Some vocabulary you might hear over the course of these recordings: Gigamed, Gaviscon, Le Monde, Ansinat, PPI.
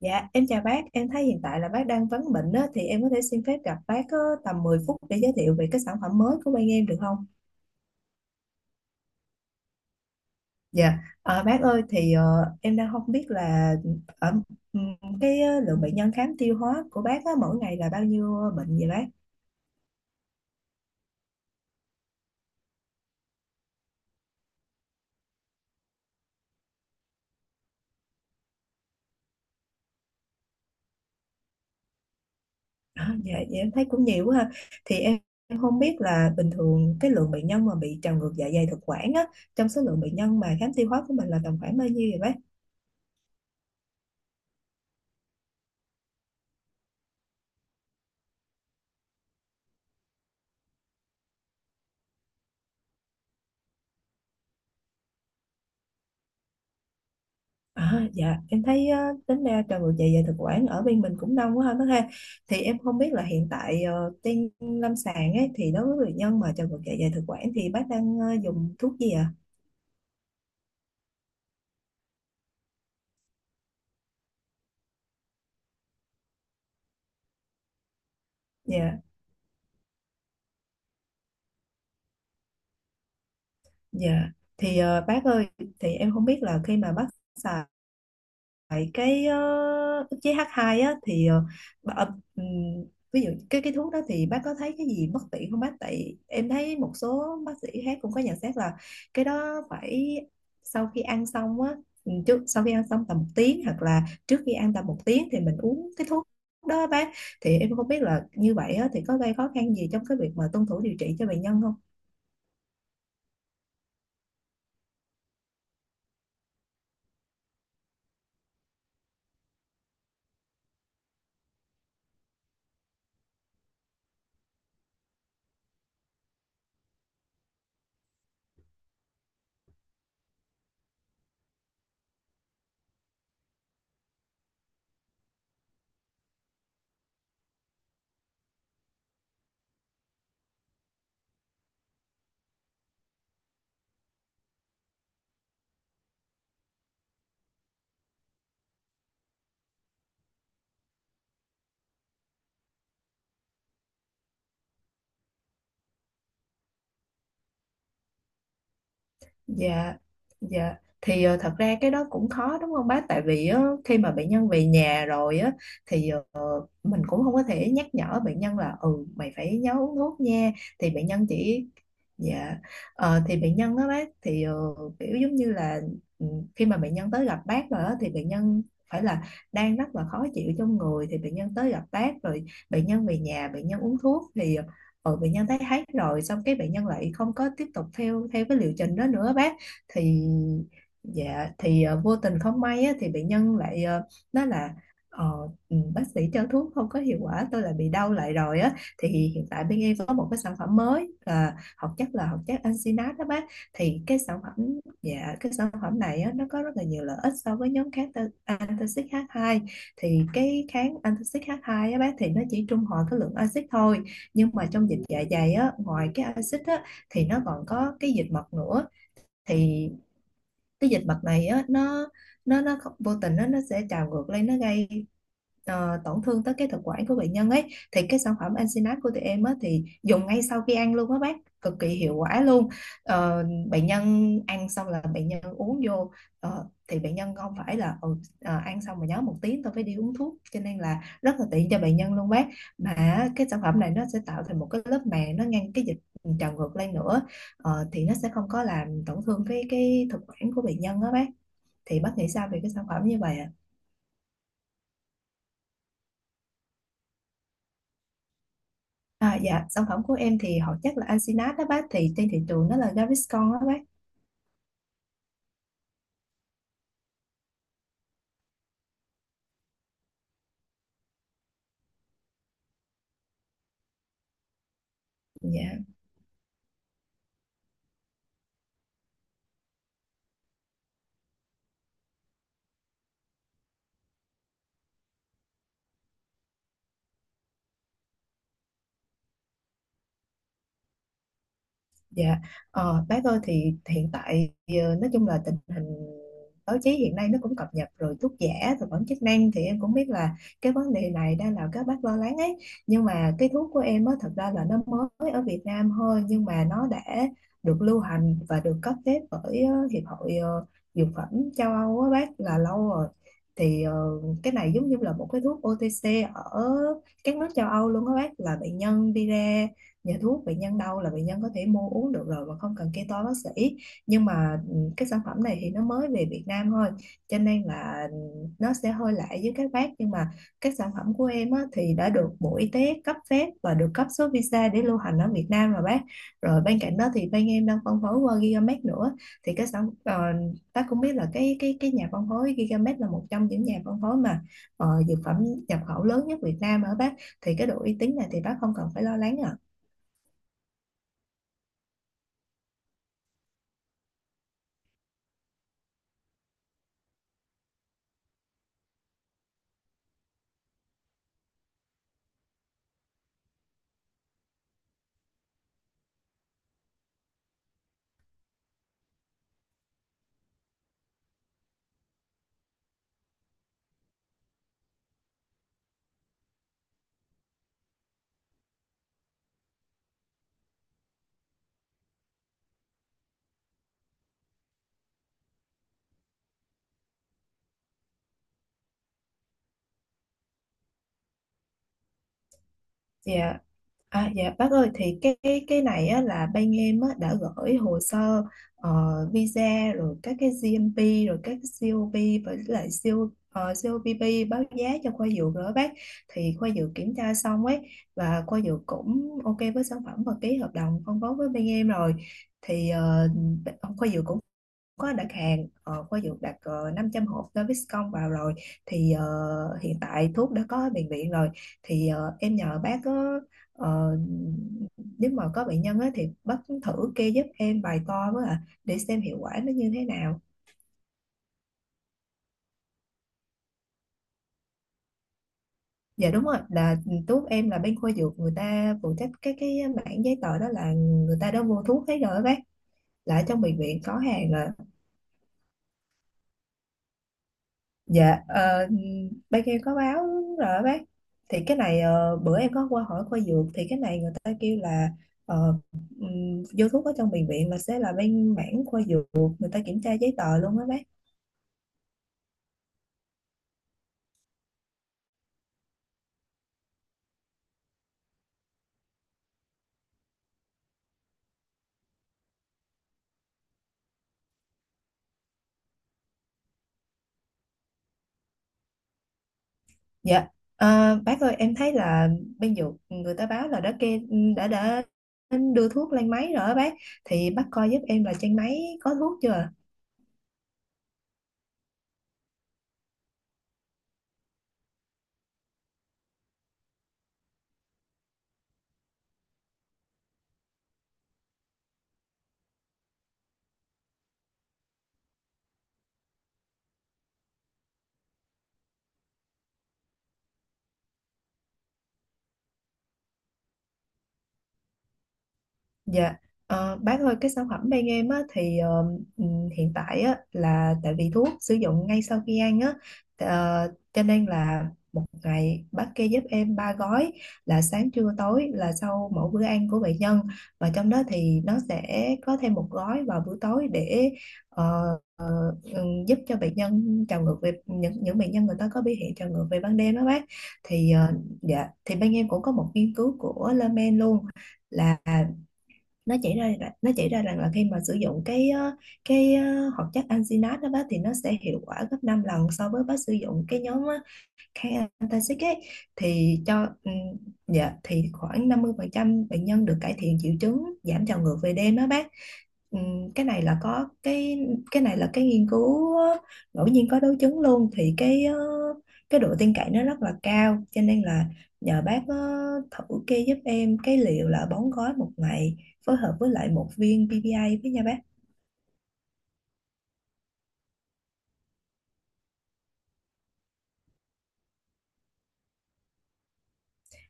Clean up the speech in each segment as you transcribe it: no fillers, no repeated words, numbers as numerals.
Dạ, em chào bác, em thấy hiện tại là bác đang vấn bệnh đó, thì em có thể xin phép gặp bác có tầm 10 phút để giới thiệu về cái sản phẩm mới của bên em được không? Dạ, à, bác ơi, thì em đang không biết là ở ừm, cái lượng bệnh nhân khám tiêu hóa của bác á, mỗi ngày là bao nhiêu bệnh vậy bác? À, dạ, dạ, em thấy cũng nhiều quá ha. Thì em không biết là bình thường cái lượng bệnh nhân mà bị trào ngược dạ dày thực quản á, trong số lượng bệnh nhân mà khám tiêu hóa của mình là tầm khoảng bao nhiêu vậy bác? À, dạ em thấy á, tính ra trò ngược dạ dày thực quản ở bên mình cũng đông quá ha bác ha, thì em không biết là hiện tại trên lâm sàng ấy thì đối với bệnh nhân mà trào ngược dạ dày thực quản thì bác đang dùng thuốc gì ạ? Dạ, dạ, thì bác ơi, thì em không biết là khi mà bác xài. Vậy cái ức chế H2 á thì bà, ờ, ừm, ví dụ cái thuốc đó thì bác có thấy cái gì bất tiện không bác? Tại em thấy một số bác sĩ khác cũng có nhận xét là cái đó phải sau khi ăn xong á, sau khi ăn xong tầm một tiếng hoặc là trước khi ăn tầm một tiếng thì mình uống cái thuốc đó á bác. Thì em không biết là như vậy á thì có gây khó khăn gì trong cái việc mà tuân thủ điều trị cho bệnh nhân không? Dạ, dạ. Thì thật ra cái đó cũng khó đúng không bác? Tại vì khi mà bệnh nhân về nhà rồi á, thì mình cũng không có thể nhắc nhở bệnh nhân là ừ mày phải nhớ uống thuốc nha, thì bệnh nhân chỉ dạ. Thì bệnh nhân đó bác, thì kiểu giống như là ừ, khi mà bệnh nhân tới gặp bác rồi đó, thì bệnh nhân phải là đang rất là khó chịu trong người, thì bệnh nhân tới gặp bác rồi, bệnh nhân về nhà bệnh nhân uống thuốc thì bệnh nhân thấy hết rồi, xong cái bệnh nhân lại không có tiếp tục theo theo cái liệu trình đó nữa bác. Thì dạ, thì vô tình không may á, thì bệnh nhân lại nói là ờ, ừ, bác sĩ cho thuốc không có hiệu quả tôi lại bị đau lại rồi á. Thì hiện tại bên em có một cái sản phẩm mới là hoạt chất Ansinat đó bác. Thì cái sản phẩm dạ cái sản phẩm này á, nó có rất là nhiều lợi ích so với nhóm antacid H2. Thì cái kháng antacid H2 á bác thì nó chỉ trung hòa cái lượng axit thôi, nhưng mà trong dịch dạ dày á, ngoài cái axit á thì nó còn có cái dịch mật nữa. Thì cái dịch bệnh này á, nó không- vô tình nó sẽ trào ngược lên, nó gây tổn thương tới cái thực quản của bệnh nhân ấy. Thì cái sản phẩm Ensinat của tụi em á thì dùng ngay sau khi ăn luôn á bác, cực kỳ hiệu quả luôn. Ờ, Bệnh nhân ăn xong là bệnh nhân uống vô, thì bệnh nhân không phải là ăn xong mà nhớ một tiếng tôi phải đi uống thuốc, cho nên là rất là tiện cho bệnh nhân luôn bác. Mà cái sản phẩm này nó sẽ tạo thành một cái lớp màng, nó ngăn cái dịch trào ngược lên nữa, thì nó sẽ không có làm tổn thương cái thực quản của bệnh nhân đó bác. Thì bác nghĩ sao về cái sản phẩm như vậy ạ? À? Dạ sản phẩm của em thì họ chắc là Ansinat đó bác, thì trên thị trường nó là Gaviscon đó bác. Dạ Dạ, bác ơi thì hiện tại nói chung là tình hình báo chí hiện nay nó cũng cập nhật rồi, thuốc giả, thực phẩm chức năng, thì em cũng biết là cái vấn đề này đang làm các bác lo lắng ấy. Nhưng mà cái thuốc của em á thật ra là nó mới ở Việt Nam thôi, nhưng mà nó đã được lưu hành và được cấp phép bởi Hiệp hội Dược phẩm châu Âu á bác là lâu rồi. Thì cái này giống như là một cái thuốc OTC ở các nước châu Âu luôn á bác, là bệnh nhân đi ra nhà thuốc, bệnh nhân đau là bệnh nhân có thể mua uống được rồi mà không cần kê toa bác sĩ, nhưng mà cái sản phẩm này thì nó mới về Việt Nam thôi cho nên là nó sẽ hơi lạ với các bác. Nhưng mà các sản phẩm của em á, thì đã được Bộ Y tế cấp phép và được cấp số visa để lưu hành ở Việt Nam rồi bác. Rồi bên cạnh đó thì bên em đang phân phối qua Gigamed nữa, thì bác cũng biết là cái nhà phân phối Gigamed là một trong những nhà phân phối mà dược phẩm nhập khẩu lớn nhất Việt Nam ở bác, thì cái độ uy tín này thì bác không cần phải lo lắng ạ. Dạ. À, dạ bác ơi thì cái này á, là bên em á, đã gửi hồ sơ ờ, visa rồi các cái GMP rồi các cái COP với lại CO, COPP báo giá cho khoa dược rồi đó bác. Thì khoa dược kiểm tra xong ấy, và khoa dược cũng ok với sản phẩm và ký hợp đồng phân phối với bên em rồi, thì khoa dược cũng có đặt hàng, khoa dược đặt 500 hộp Gaviscon vào rồi. Thì hiện tại thuốc đã có bệnh viện rồi, thì em nhờ bác có ờ, nếu mà có bệnh nhân á, thì bác thử kê giúp em vài to với ạ để xem hiệu quả nó như thế nào. Dạ đúng rồi, là thuốc em là bên khoa dược người ta phụ trách cái mảng giấy tờ đó, là người ta đã mua thuốc hết rồi á bác, là ở trong bệnh viện có hàng rồi. Dạ, bác em có báo rồi đó bác. Thì cái này bữa em có qua hỏi khoa dược thì cái này người ta kêu là ờ, vô thuốc ở trong bệnh viện là sẽ là bên mảng khoa dược, người ta kiểm tra giấy tờ luôn á bác. Dạ, bác ơi em thấy là bên dược người ta báo là đã kê đã đưa thuốc lên máy rồi á bác. Thì bác coi giúp em là trên máy có thuốc chưa? Dạ, bác ơi cái sản phẩm bên em á, thì hiện tại á, là tại vì thuốc sử dụng ngay sau khi ăn á, cho nên là một ngày bác kê giúp em ba gói, là sáng trưa tối, là sau mỗi bữa ăn của bệnh nhân, và trong đó thì nó sẽ có thêm một gói vào bữa tối để ờ, giúp cho bệnh nhân trào ngược, về những bệnh nhân người ta có biểu hiện trào ngược về ban đêm đó bác. Thì dạ thì bên em cũng có một nghiên cứu của Le Monde luôn, là nó chỉ ra rằng là khi mà sử dụng hoạt chất alginate đó bác thì nó sẽ hiệu quả gấp 5 lần so với bác sử dụng cái nhóm Khantasic ấy. Thì cho dạ thì khoảng 50% bệnh nhân được cải thiện triệu chứng, giảm trào ngược về đêm đó bác. Ừm, cái này là có cái cái này là cái nghiên cứu ngẫu nhiên có đối chứng luôn, thì cái độ tin cậy nó rất là cao cho nên là nhờ bác thử kê giúp em cái liệu là bón gói một ngày phối hợp với lại một viên PPI với nha bác.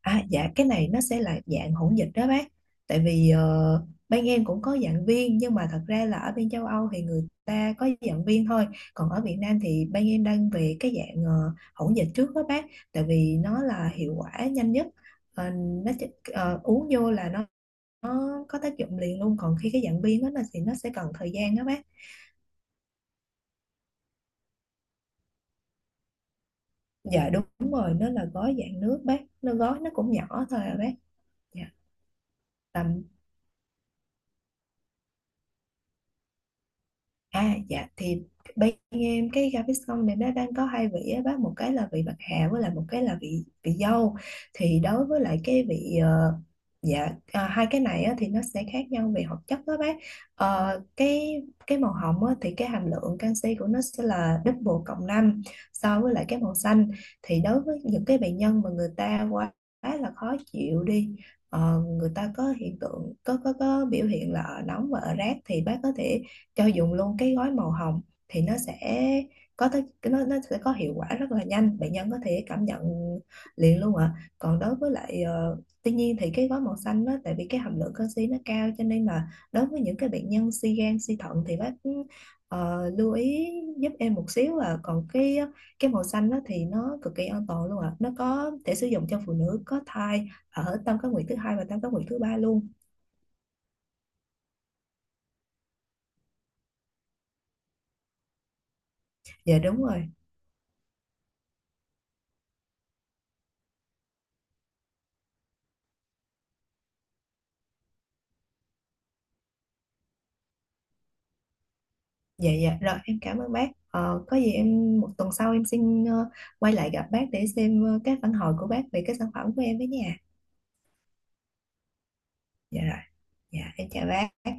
À, dạ cái này nó sẽ là dạng hỗn dịch đó bác, tại vì bên em cũng có giảng viên nhưng mà thật ra là ở bên châu Âu thì người ta có giảng viên thôi, còn ở Việt Nam thì bên em đang về cái dạng hỗn dịch trước đó bác, tại vì nó là hiệu quả nhanh nhất. Ờ, nó chỉ- uống vô là nó có tác dụng liền luôn, còn khi cái dạng viên đó là thì nó sẽ cần thời gian đó bác. Dạ đúng rồi, nó là gói dạng nước bác, nó gói nó cũng nhỏ thôi à bác. Dạ tầm À dạ thì bên em cái gà này nó đang có hai vị á bác, một cái là vị bạc hà với lại một cái là vị vị dâu. Thì đối với lại cái vị dạ, à, hai cái này á, thì nó sẽ khác nhau về hoạt chất đó bác. Cái màu hồng á, thì cái hàm lượng canxi của nó sẽ là double cộng 5 so với lại cái màu xanh, thì đối với những cái bệnh nhân mà người ta quá là khó chịu đi, người ta có hiện tượng có biểu hiện là ở nóng và ở rát thì bác có thể cho dùng luôn cái gói màu hồng, thì nó sẽ có tới cái- nó sẽ có hiệu quả rất là nhanh, bệnh nhân có thể cảm nhận liền luôn ạ. Còn đối với lại tuy nhiên thì cái gói màu xanh đó tại vì cái hàm lượng canxi nó cao cho nên là đối với những cái bệnh nhân suy gan suy thận thì bác lưu ý giúp em một xíu à. Còn cái màu xanh đó thì nó cực kỳ an toàn luôn ạ, nó có thể sử dụng cho phụ nữ có thai ở tam cá nguyệt thứ hai và tam cá nguyệt thứ ba luôn. Dạ đúng rồi. Dạ dạ rồi em cảm ơn bác. Ờ, có gì em một tuần sau em xin quay lại gặp bác để xem các phản hồi của bác về cái sản phẩm của em với nhà. Dạ rồi. Dạ em chào bác.